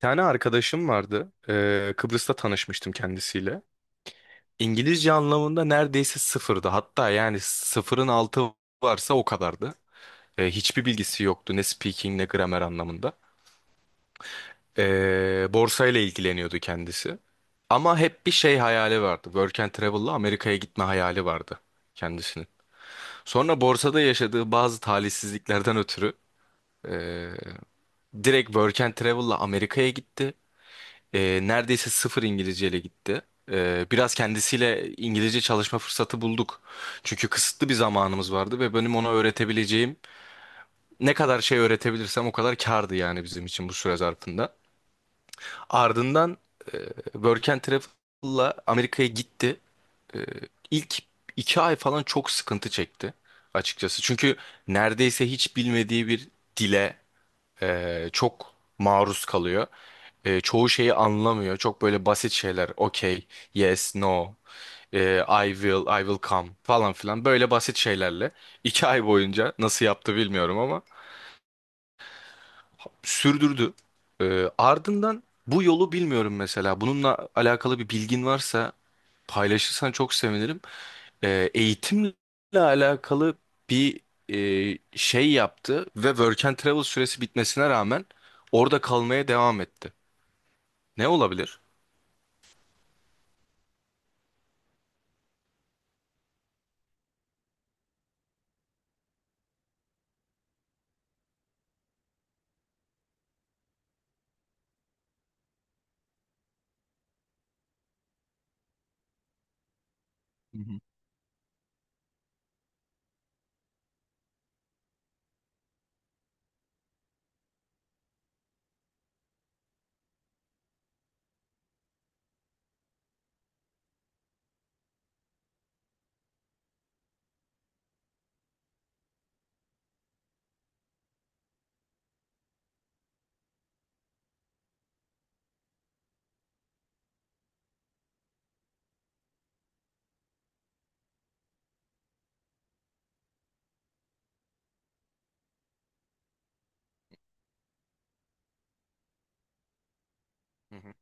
Tane arkadaşım vardı. Kıbrıs'ta tanışmıştım kendisiyle. İngilizce anlamında neredeyse sıfırdı. Hatta yani sıfırın altı varsa o kadardı. Hiçbir bilgisi yoktu ne speaking ne gramer anlamında. Borsayla ilgileniyordu kendisi. Ama hep bir şey hayali vardı. Work and travel'la Amerika'ya gitme hayali vardı kendisinin. Sonra borsada yaşadığı bazı talihsizliklerden ötürü ee, direkt Work and Travel'la Amerika'ya gitti. Neredeyse sıfır İngilizce ile gitti. Biraz kendisiyle İngilizce çalışma fırsatı bulduk. Çünkü kısıtlı bir zamanımız vardı ve benim ona öğretebileceğim ne kadar şey öğretebilirsem o kadar kârdı yani bizim için bu süre zarfında. Ardından e, Work and Travel'la Amerika'ya gitti. E, ilk 2 ay falan çok sıkıntı çekti açıkçası. Çünkü neredeyse hiç bilmediği bir dile çok maruz kalıyor. Çoğu şeyi anlamıyor. Çok böyle basit şeyler. Okay, yes, no, I will, I will come falan filan. Böyle basit şeylerle. 2 ay boyunca nasıl yaptı bilmiyorum ama sürdürdü. Ardından bu yolu bilmiyorum mesela. Bununla alakalı bir bilgin varsa paylaşırsan çok sevinirim. Eğitimle alakalı bir şey yaptı ve Work and Travel süresi bitmesine rağmen orada kalmaya devam etti. Ne olabilir? Hı hı. Hı hı.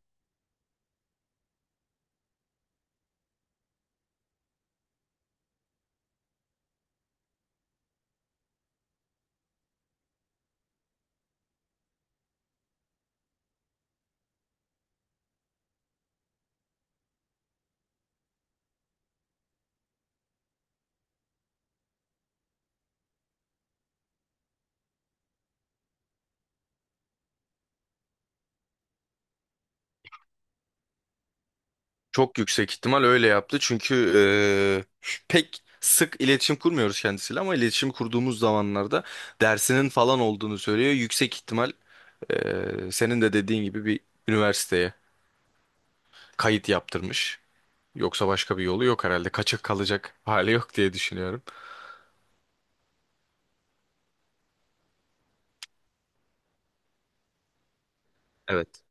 Çok yüksek ihtimal öyle yaptı. Çünkü e, pek sık iletişim kurmuyoruz kendisiyle ama iletişim kurduğumuz zamanlarda dersinin falan olduğunu söylüyor. Yüksek ihtimal senin de dediğin gibi bir üniversiteye kayıt yaptırmış. Yoksa başka bir yolu yok herhalde. Kaçık kalacak hali yok diye düşünüyorum. Evet.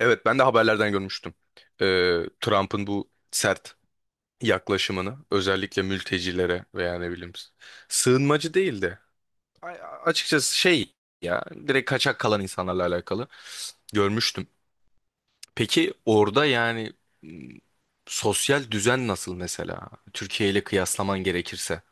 Evet, ben de haberlerden görmüştüm. Trump'ın bu sert yaklaşımını özellikle mültecilere veya ne bileyim sığınmacı değildi. A- Açıkçası şey ya direkt kaçak kalan insanlarla alakalı görmüştüm. Peki orada yani m, sosyal düzen nasıl mesela? Türkiye ile kıyaslaman gerekirse.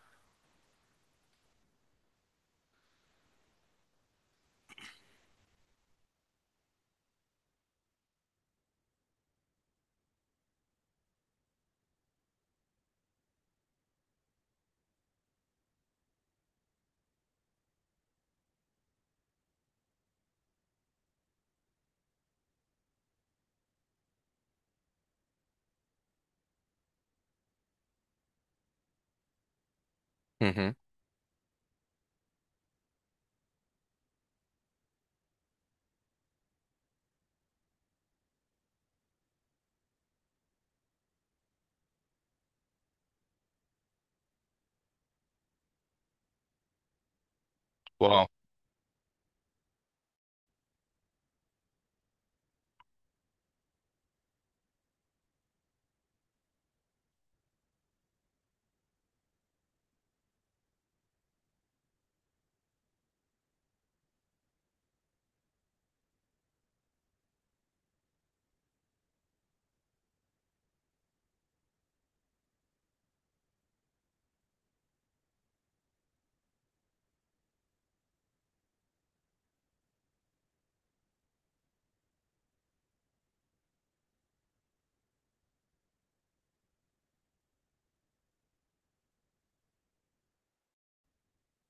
Hı hı. Wow.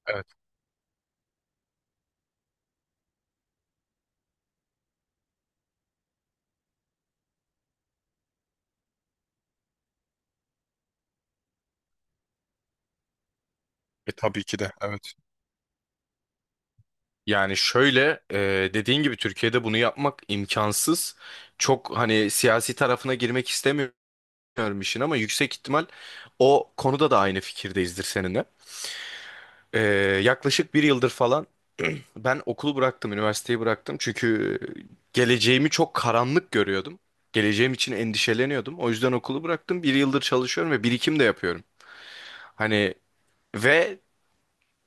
Evet. Tabii ki de. Evet. Yani şöyle dediğin gibi Türkiye'de bunu yapmak imkansız. Çok hani siyasi tarafına girmek istemiyorum işin ama yüksek ihtimal o konuda da aynı fikirdeyizdir seninle. E, yaklaşık bir yıldır falan ben okulu bıraktım, üniversiteyi bıraktım. Çünkü geleceğimi çok karanlık görüyordum. Geleceğim için endişeleniyordum. O yüzden okulu bıraktım. Bir yıldır çalışıyorum ve birikim de yapıyorum. Hani ve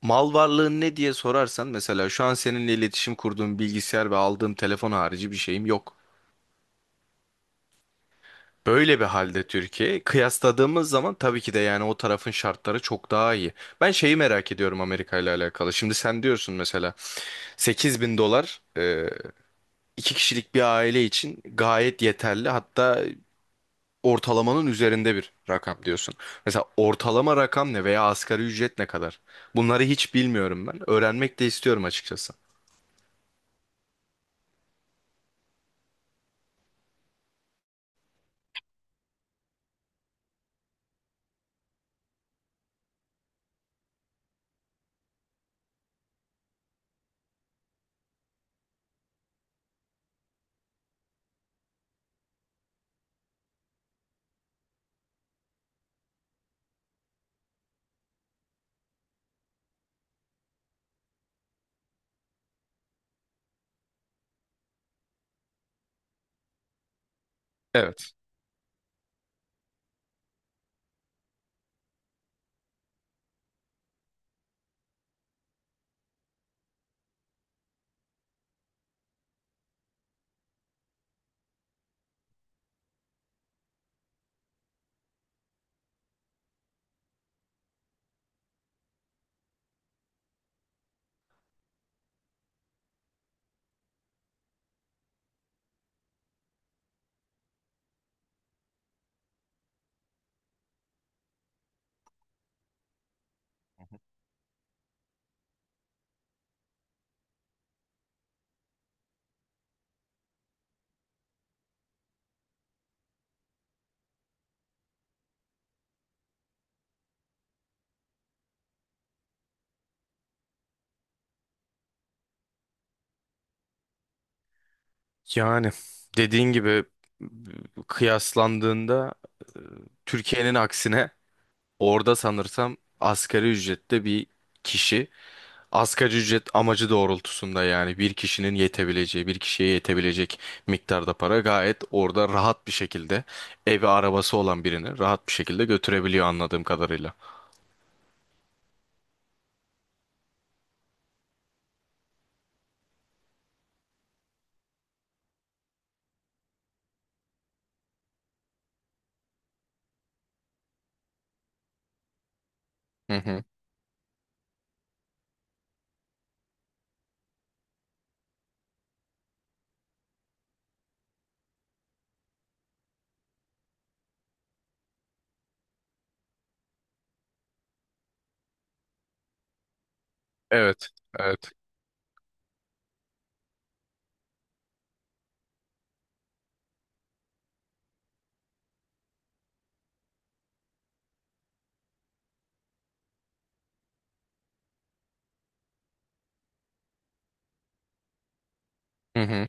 mal varlığın ne diye sorarsan mesela şu an seninle iletişim kurduğum bilgisayar ve aldığım telefon harici bir şeyim yok. Böyle bir halde Türkiye kıyasladığımız zaman tabii ki de yani o tarafın şartları çok daha iyi. Ben şeyi merak ediyorum Amerika ile alakalı. Şimdi sen diyorsun mesela 8.000 dolar 2 kişilik bir aile için gayet yeterli. Hatta ortalamanın üzerinde bir rakam diyorsun. Mesela ortalama rakam ne veya asgari ücret ne kadar? Bunları hiç bilmiyorum ben. Öğrenmek de istiyorum açıkçası. Evet. Hı hı. Yani dediğin gibi kıyaslandığında e, Türkiye'nin aksine orada sanırsam asgari ücrette bir kişi asgari ücret amacı doğrultusunda yani bir kişinin yetebileceği bir kişiye yetebilecek miktarda para gayet orada rahat bir şekilde evi arabası olan birini rahat bir şekilde götürebiliyor anladığım kadarıyla. Hı hı. Evet, evet. Hı hı.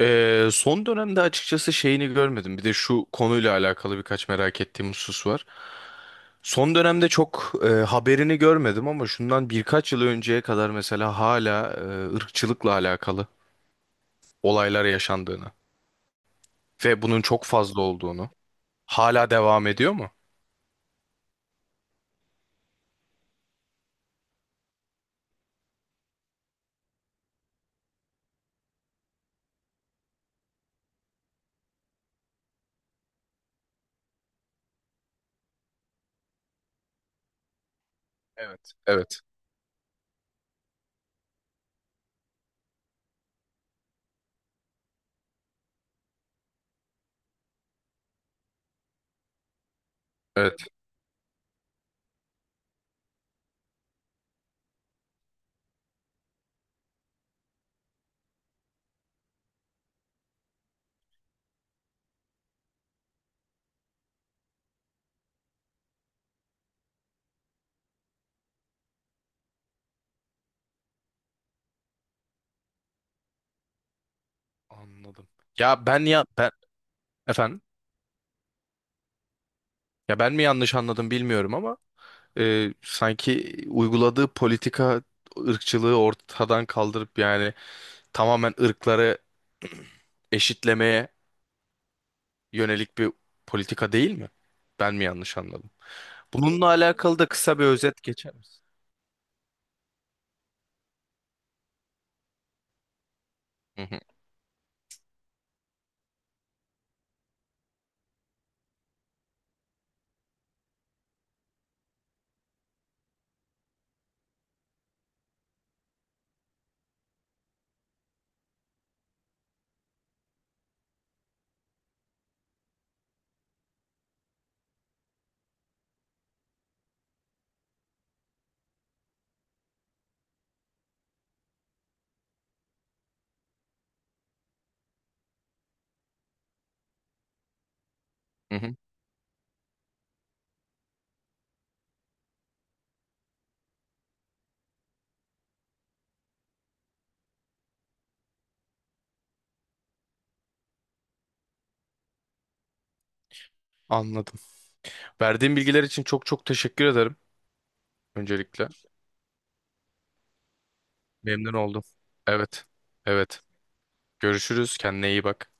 Son dönemde açıkçası şeyini görmedim. Bir de şu konuyla alakalı birkaç merak ettiğim husus var. Son dönemde çok haberini görmedim ama şundan birkaç yıl önceye kadar mesela hala ırkçılıkla alakalı olaylar yaşandığını ve bunun çok fazla olduğunu, hala devam ediyor mu? Evet. Evet. Evet. Anladım. Ya ben ya ben Efendim, ya ben mi yanlış anladım bilmiyorum ama sanki uyguladığı politika ırkçılığı ortadan kaldırıp yani tamamen ırkları eşitlemeye yönelik bir politika değil mi? Ben mi yanlış anladım? Bununla alakalı da kısa bir özet geçer misin? Hı hı, hı hı. Anladım. Verdiğin bilgiler için çok çok teşekkür ederim öncelikle. Memnun oldum. Evet. Evet. Görüşürüz. Kendine iyi bak.